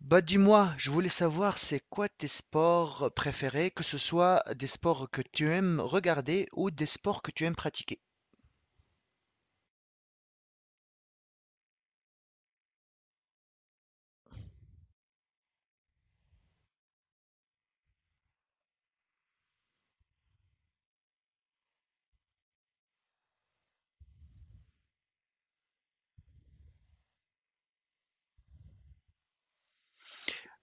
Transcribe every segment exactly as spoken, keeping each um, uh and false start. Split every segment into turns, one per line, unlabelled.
Bah dis-moi, je voulais savoir c'est quoi tes sports préférés, que ce soit des sports que tu aimes regarder ou des sports que tu aimes pratiquer.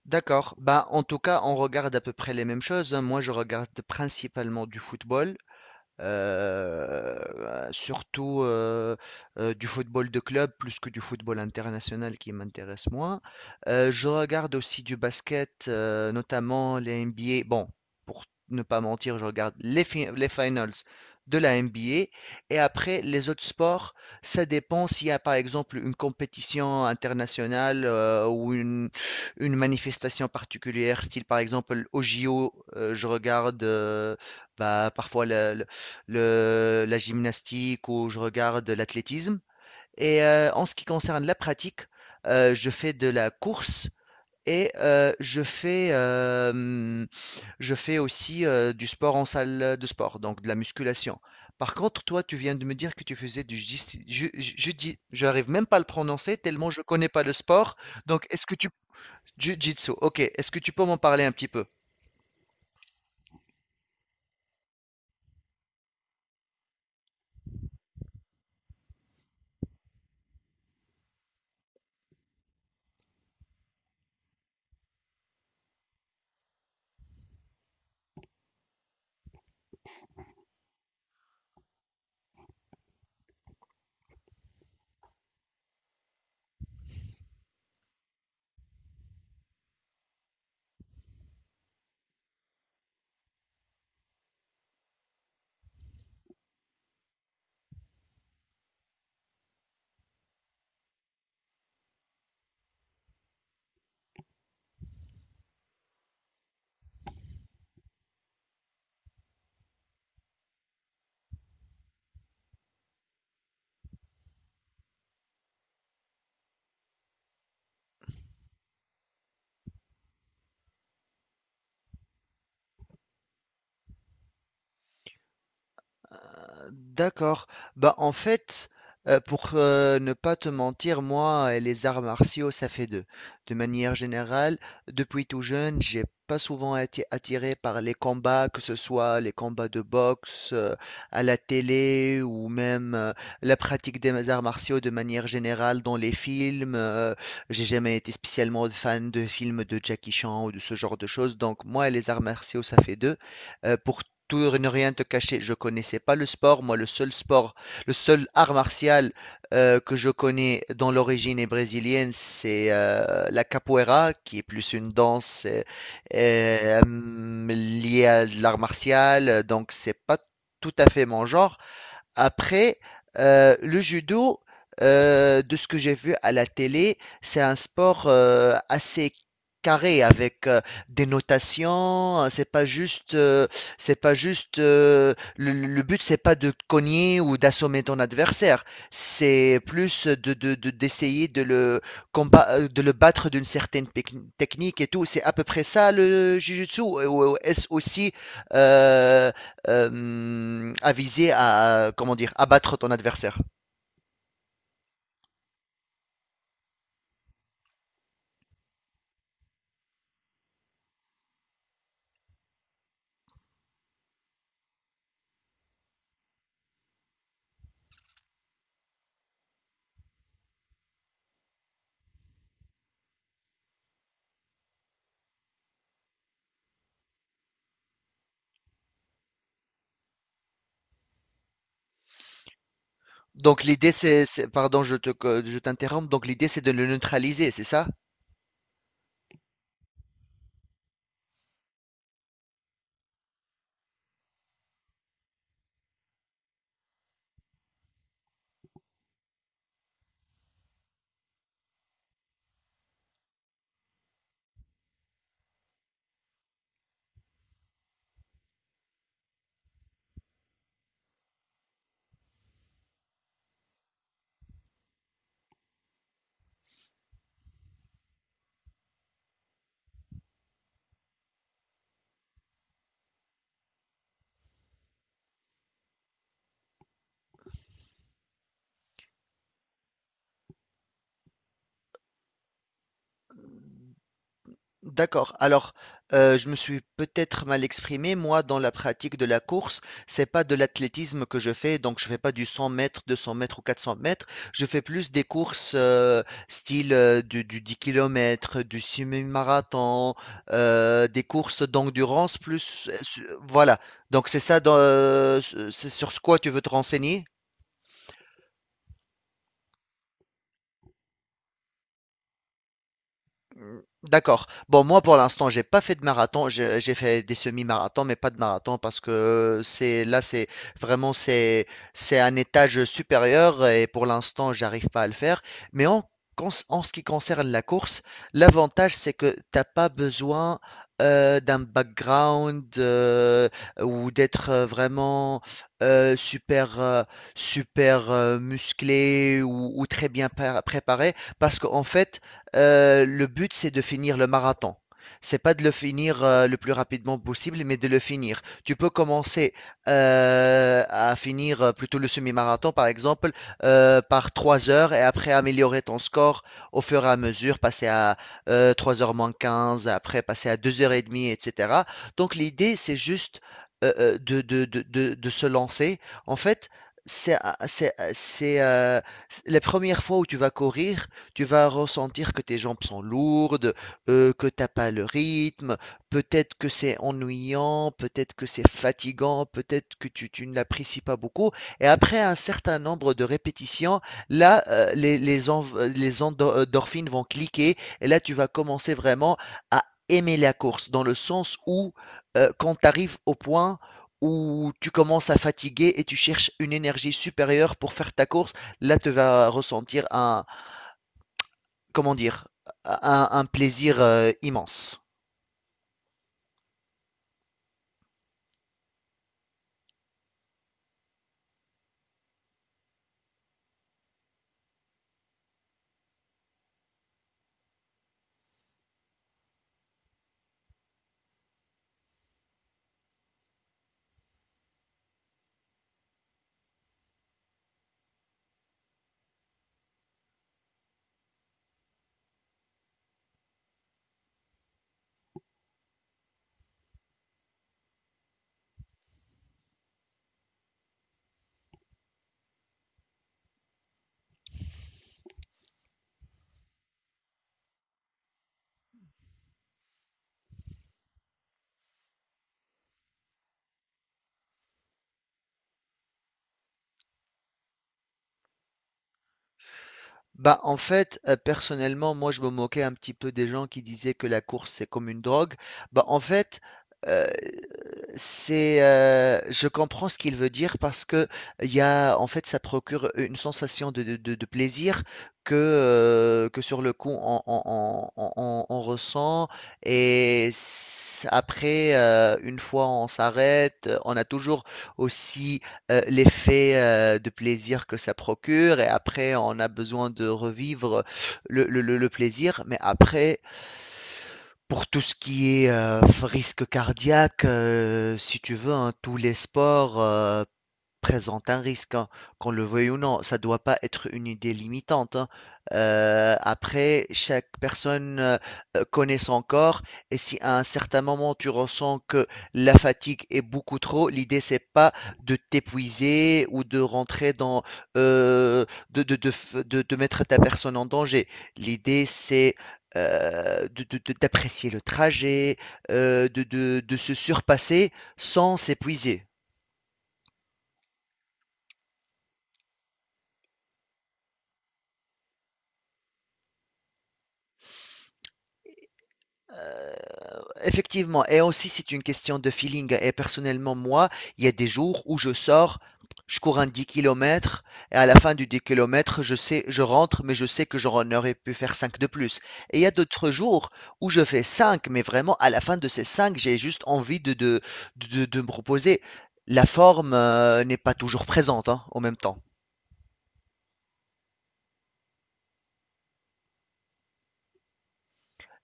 D'accord, bah, en tout cas on regarde à peu près les mêmes choses, hein. Moi je regarde principalement du football, Heu, surtout, heu heu, du football de club plus que du football international qui m'intéresse moins. Heu, je regarde aussi du basket, heu, notamment les N B A. Bon, pour ne pas mentir, je regarde les fi les finals de la N B A. Et après les autres sports, ça dépend s'il y a, par exemple, une compétition internationale, heu, ou une une manifestation particulière, style, par exemple, aux J O, heu, je regarde, heu, bah, parfois le le- la gymnastique, ou je regarde l'athlétisme. Et euh, en ce qui concerne la pratique, euh, je fais de la course, et euh, je fais, euh, hum, je fais aussi euh, du sport en salle de sport, donc de la musculation. Par contre, toi, tu viens de me dire que tu faisais du gis- ju- ju- judi- je n'arrive même pas à le prononcer tellement je connais pas le sport. Donc, est-ce que tu jiu-jitsu, ok, est-ce que tu peux m'en parler un petit peu? D'accord. Bah, en fait, euh, pour euh, ne pas te mentir, moi et les arts martiaux, ça fait deux. De manière générale, depuis tout jeune, j'ai pas souvent été attiré par les combats, que ce soit les combats de boxe, euh, à la télé, ou même euh, la pratique des arts martiaux de manière générale dans les films. Euh, j'ai jamais été spécialement fan de films de Jackie Chan ou de ce genre de choses. Donc, moi et les arts martiaux, ça fait deux. Euh, pour tout et ne rien te cacher, je connaissais pas le sport. Moi, le seul sport, le seul art martial euh, que je connais dans l'origine est brésilienne, c'est euh, la capoeira, qui est plus une danse euh, euh, liée à l'art martial. Donc, c'est pas tout à fait mon genre. Après, euh, le judo, euh, de ce que j'ai vu à la télé, c'est un sport euh, assez carré avec euh, des notations, hein. C'est pas juste, euh, c'est pas juste. euh, le, le but, c'est pas de cogner ou d'assommer ton adversaire. C'est plus de, de- de- d'essayer de le combat, euh, de le battre d'une certaine pec- technique et tout. C'est à peu près ça le jiu-jitsu. Ou ou est-ce aussi euh, euh, à viser à, comment dire, abattre ton adversaire? Donc l'idée c'est, c'est- pardon, je te, je t'interromps. Donc l'idée c'est de le neutraliser, c'est ça? D'accord. Alors, heu, je me suis peut-être mal exprimé. Moi, dans la pratique de la course, c'est pas de l'athlétisme que je fais, donc je fais pas du cent mètres, deux 200 mètres ou quatre cents mètres. Je fais plus des courses, heu, style, heu, du du dix kilomètres, du semi-marathon, heu, des courses d'endurance plus, heu, su voilà. Donc c'est ça, dans, heu, c'est sur ce quoi tu veux te renseigner? D'accord. Bon, moi, pour l'instant, j'ai pas fait de marathon. J'ai j'ai fait des semi-marathons, mais pas de marathon parce que c'est là, c'est vraiment, c'est c'est un étage supérieur et pour l'instant, j'arrive pas à le faire. Mais en cons- en ce qui concerne la course, l'avantage, c'est que t'as pas besoin euh, d'un background, euh, ou d'être euh, vraiment euh, super euh, super euh, musclé, ou, ou très bien par- préparé parce qu'en fait euh, le but, c'est de finir le marathon. C'est pas de le finir, euh, le plus rapidement possible, mais de le finir. Tu peux commencer euh, à finir euh, plutôt le semi-marathon, par exemple, euh, par trois heures, et après améliorer ton score au fur et à mesure, passer à euh, trois heures moins quinze, après passer à deux heures et demie, et cetera. Donc l'idée, c'est juste euh, euh, de, de, de, de, de se lancer. En fait, c'est, c'est, c'est, euh, la première fois où tu vas courir, tu vas ressentir que tes jambes sont lourdes, euh, que t'as pas le rythme, peut-être que c'est ennuyant, peut-être que c'est fatigant, peut-être que tu, tu ne l'apprécies pas beaucoup. Et après un certain nombre de répétitions, là, euh, les, les, env- les endorphines vont cliquer et là, tu vas commencer vraiment à aimer la course, dans le sens où euh, quand tu arrives au point où tu commences à fatiguer et tu cherches une énergie supérieure pour faire ta course, là tu vas ressentir un, comment dire, un, un plaisir euh, immense. Bah, en fait, heu, personnellement, moi, je me moquais un petit peu des gens qui disaient que la course, c'est comme une drogue. Bah, en fait, heu, c'est, heu, je comprends ce qu'il veut dire parce que il y a en fait, ça procure une sensation de de de de plaisir que, heu, que sur le coup, on on on on on on ressent. Et c après, heu, une fois on s'arrête, on a toujours aussi Heu, l'effet, heu, de plaisir que ça procure, et après on a besoin de revivre le le le le plaisir. Mais après, pour tout ce qui est, heu, risque cardiaque, heu, si tu veux, hein, tous les sports, heu présente un risque, hein, qu'on le veuille ou non. Ça doit pas être une idée limitante, hein. Euh, après, chaque personne euh, euh, connaît son corps et si à un certain moment tu ressens que la fatigue est beaucoup trop, l'idée c'est pas de t'épuiser ou de rentrer dans, euh, de, de, de, f- de- de mettre ta personne en danger. L'idée, c'est euh, de, de- de- d'apprécier le trajet, euh, de, de, de se surpasser sans s'épuiser. Euh, Effectivement, et aussi c'est une question de feeling. Et personnellement, moi, il y a des jours où je sors, je cours un dix kilomètres, et à la fin du dix kilomètres, je sais, je rentre, mais je sais que j'en aurais pu faire cinq de plus. Et il y a d'autres jours où je fais cinq, mais vraiment à la fin de ces cinq, j'ai juste envie de, de, de, de me reposer. La forme, euh, n'est pas toujours présente, hein, en même temps.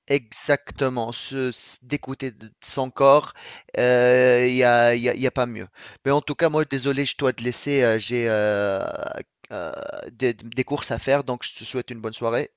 Exactement, se s- d'écouter de de son corps, euh, il y a, y a- y a pas mieux. Mais en tout cas, moi, désolé, je dois te laisser, euh, j'ai euh, euh, des, des courses à faire, donc je te souhaite une bonne soirée.